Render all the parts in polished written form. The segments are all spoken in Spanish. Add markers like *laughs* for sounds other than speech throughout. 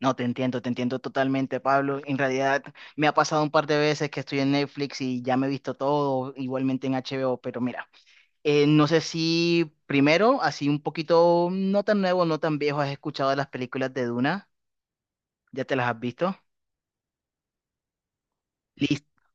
No, te entiendo totalmente, Pablo. En realidad me ha pasado un par de veces que estoy en Netflix y ya me he visto todo, igualmente en HBO, pero mira, no sé si primero, así un poquito, no tan nuevo, no tan viejo, has escuchado de las películas de Duna, ¿ya te las has visto? Listo.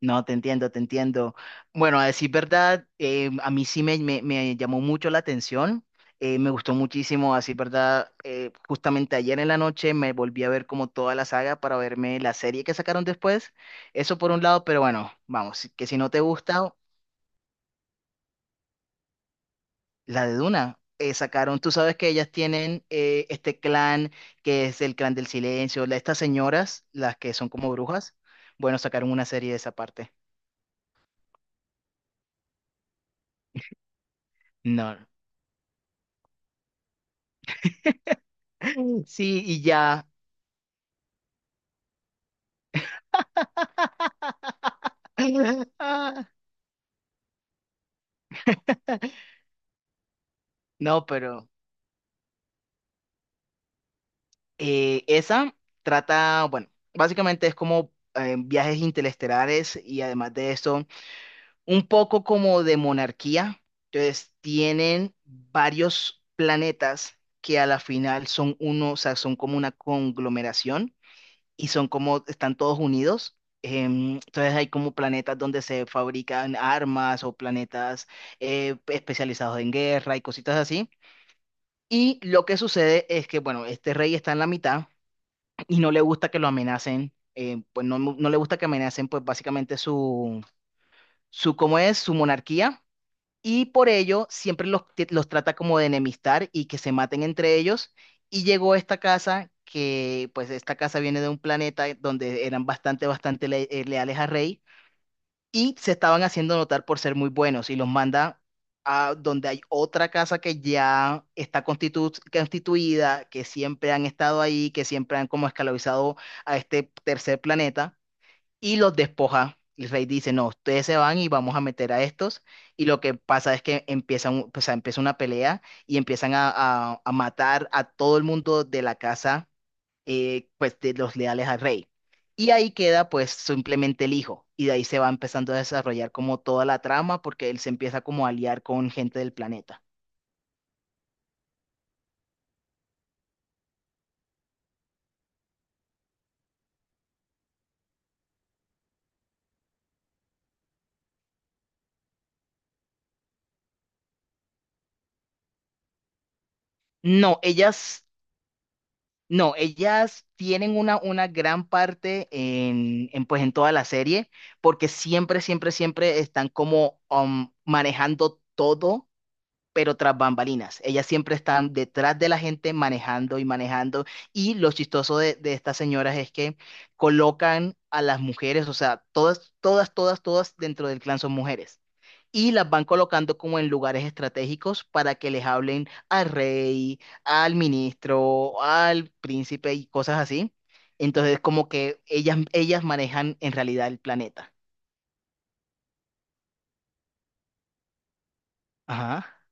No, te entiendo, te entiendo. Bueno, a decir verdad, a mí sí me llamó mucho la atención. Me gustó muchísimo, a decir verdad. Justamente ayer en la noche me volví a ver como toda la saga para verme la serie que sacaron después. Eso por un lado, pero bueno, vamos, que si no te gusta, la de Duna. Sacaron, tú sabes que ellas tienen este clan que es el clan del silencio, estas señoras, las que son como brujas, bueno, sacaron una serie de esa parte. No. *laughs* Sí, y ya. *laughs* Ah. No, pero esa trata, bueno, básicamente es como viajes interestelares y además de eso, un poco como de monarquía. Entonces, tienen varios planetas que a la final son uno, o sea, son como una conglomeración y son como, están todos unidos. Entonces hay como planetas donde se fabrican armas o planetas especializados en guerra y cositas así. Y lo que sucede es que, bueno, este rey está en la mitad y no le gusta que lo amenacen, pues no, no le gusta que amenacen, pues básicamente su, ¿cómo es? Su monarquía. Y por ello siempre los trata como de enemistar y que se maten entre ellos. Y llegó esta casa, que pues esta casa viene de un planeta donde eran bastante, leales al rey y se estaban haciendo notar por ser muy buenos y los manda a donde hay otra casa que ya está constituida, que siempre han estado ahí, que siempre han como esclavizado a este tercer planeta y los despoja. El rey dice, no, ustedes se van y vamos a meter a estos. Y lo que pasa es que empiezan, o sea, empieza una pelea y empiezan a, a matar a todo el mundo de la casa, pues de los leales al rey. Y ahí queda pues simplemente el hijo. Y de ahí se va empezando a desarrollar como toda la trama porque él se empieza como a aliar con gente del planeta. No, ellas, no, ellas tienen una gran parte en, pues en toda la serie porque siempre, siempre, siempre están como manejando todo pero tras bambalinas. Ellas siempre están detrás de la gente manejando y manejando. Y lo chistoso de estas señoras es que colocan a las mujeres, o sea, todas, todas, todas, todas dentro del clan son mujeres. Y las van colocando como en lugares estratégicos para que les hablen al rey, al ministro, al príncipe y cosas así. Entonces, como que ellas manejan en realidad el planeta. Ajá.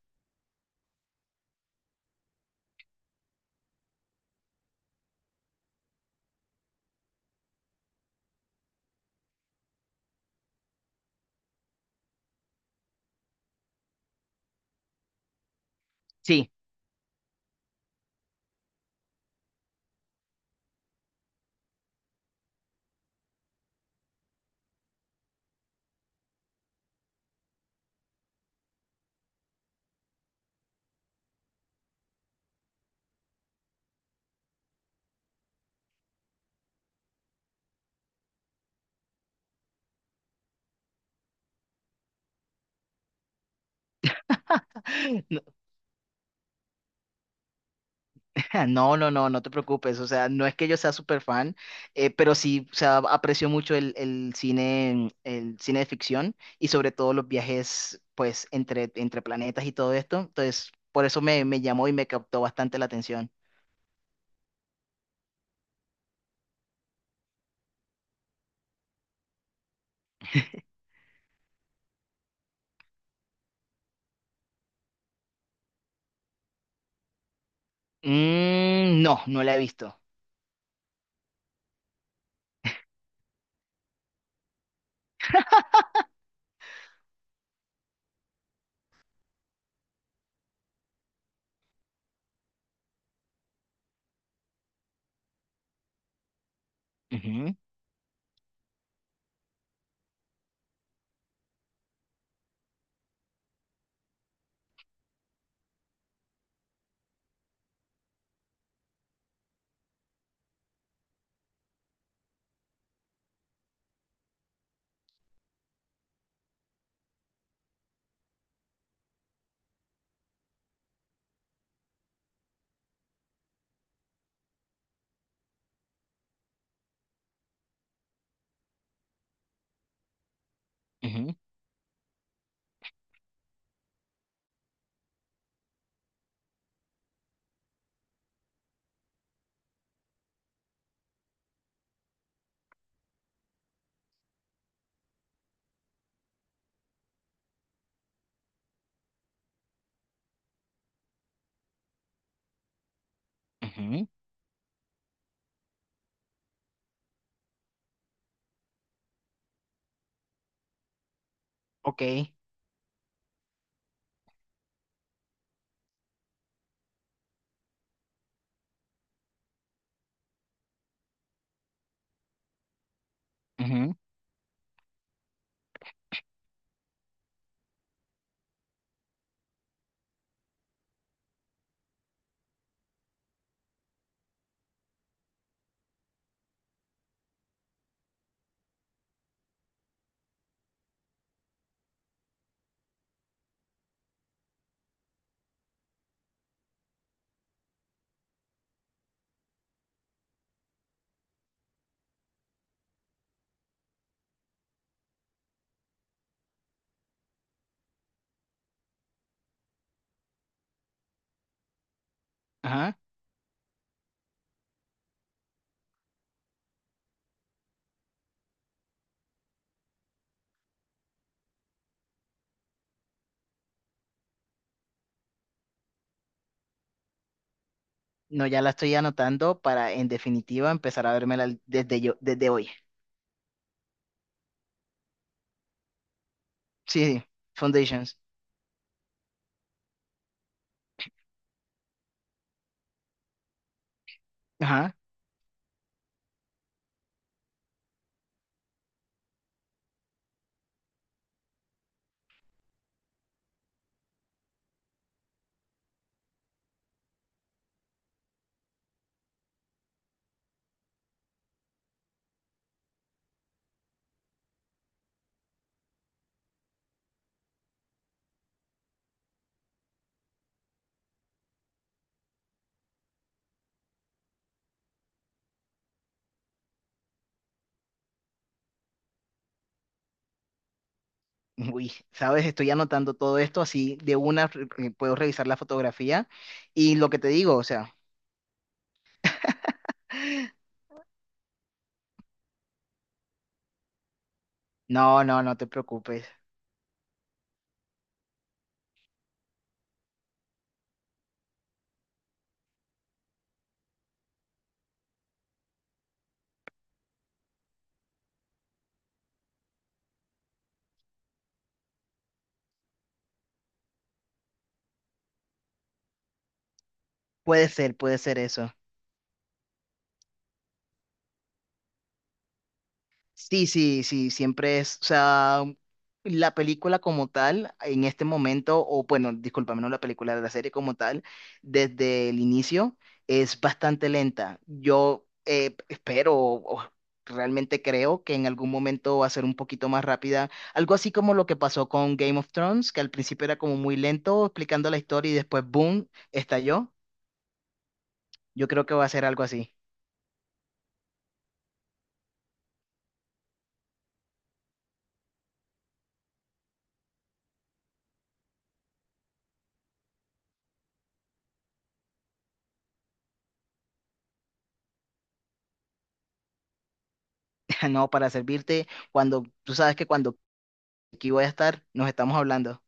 Sí. *gasps* *laughs* *laughs* Ja, no, no, no, no te preocupes. O sea, no es que yo sea súper fan, pero sí, o sea, aprecio mucho el cine de ficción y sobre todo los viajes, pues, entre, entre planetas y todo esto. Entonces, por eso me, me llamó y me captó bastante la atención. Mm, no, no la he visto. Ujú, ujú, ujú. Ok. Ujú, ajá. No, ya la estoy anotando para, en definitiva, empezar a vérmela desde yo, desde hoy. Sí, sí, Foundations. Ajá. Uy, sabes, estoy anotando todo esto así de una puedo revisar la fotografía y lo que te digo, o sea, no, no, no te preocupes. Puede ser eso. Sí, sí, sí, siempre es, o sea, la película como tal, en este momento, o bueno, discúlpame, no la película, la serie como tal, desde el inicio, es bastante lenta. Yo espero, o realmente creo que en algún momento va a ser un poquito más rápida, algo así como lo que pasó con Game of Thrones, que al principio era como muy lento explicando la historia y después, boom, estalló. Yo creo que va a ser algo así. *laughs* No, para servirte, cuando tú sabes que cuando aquí voy a estar, nos estamos hablando.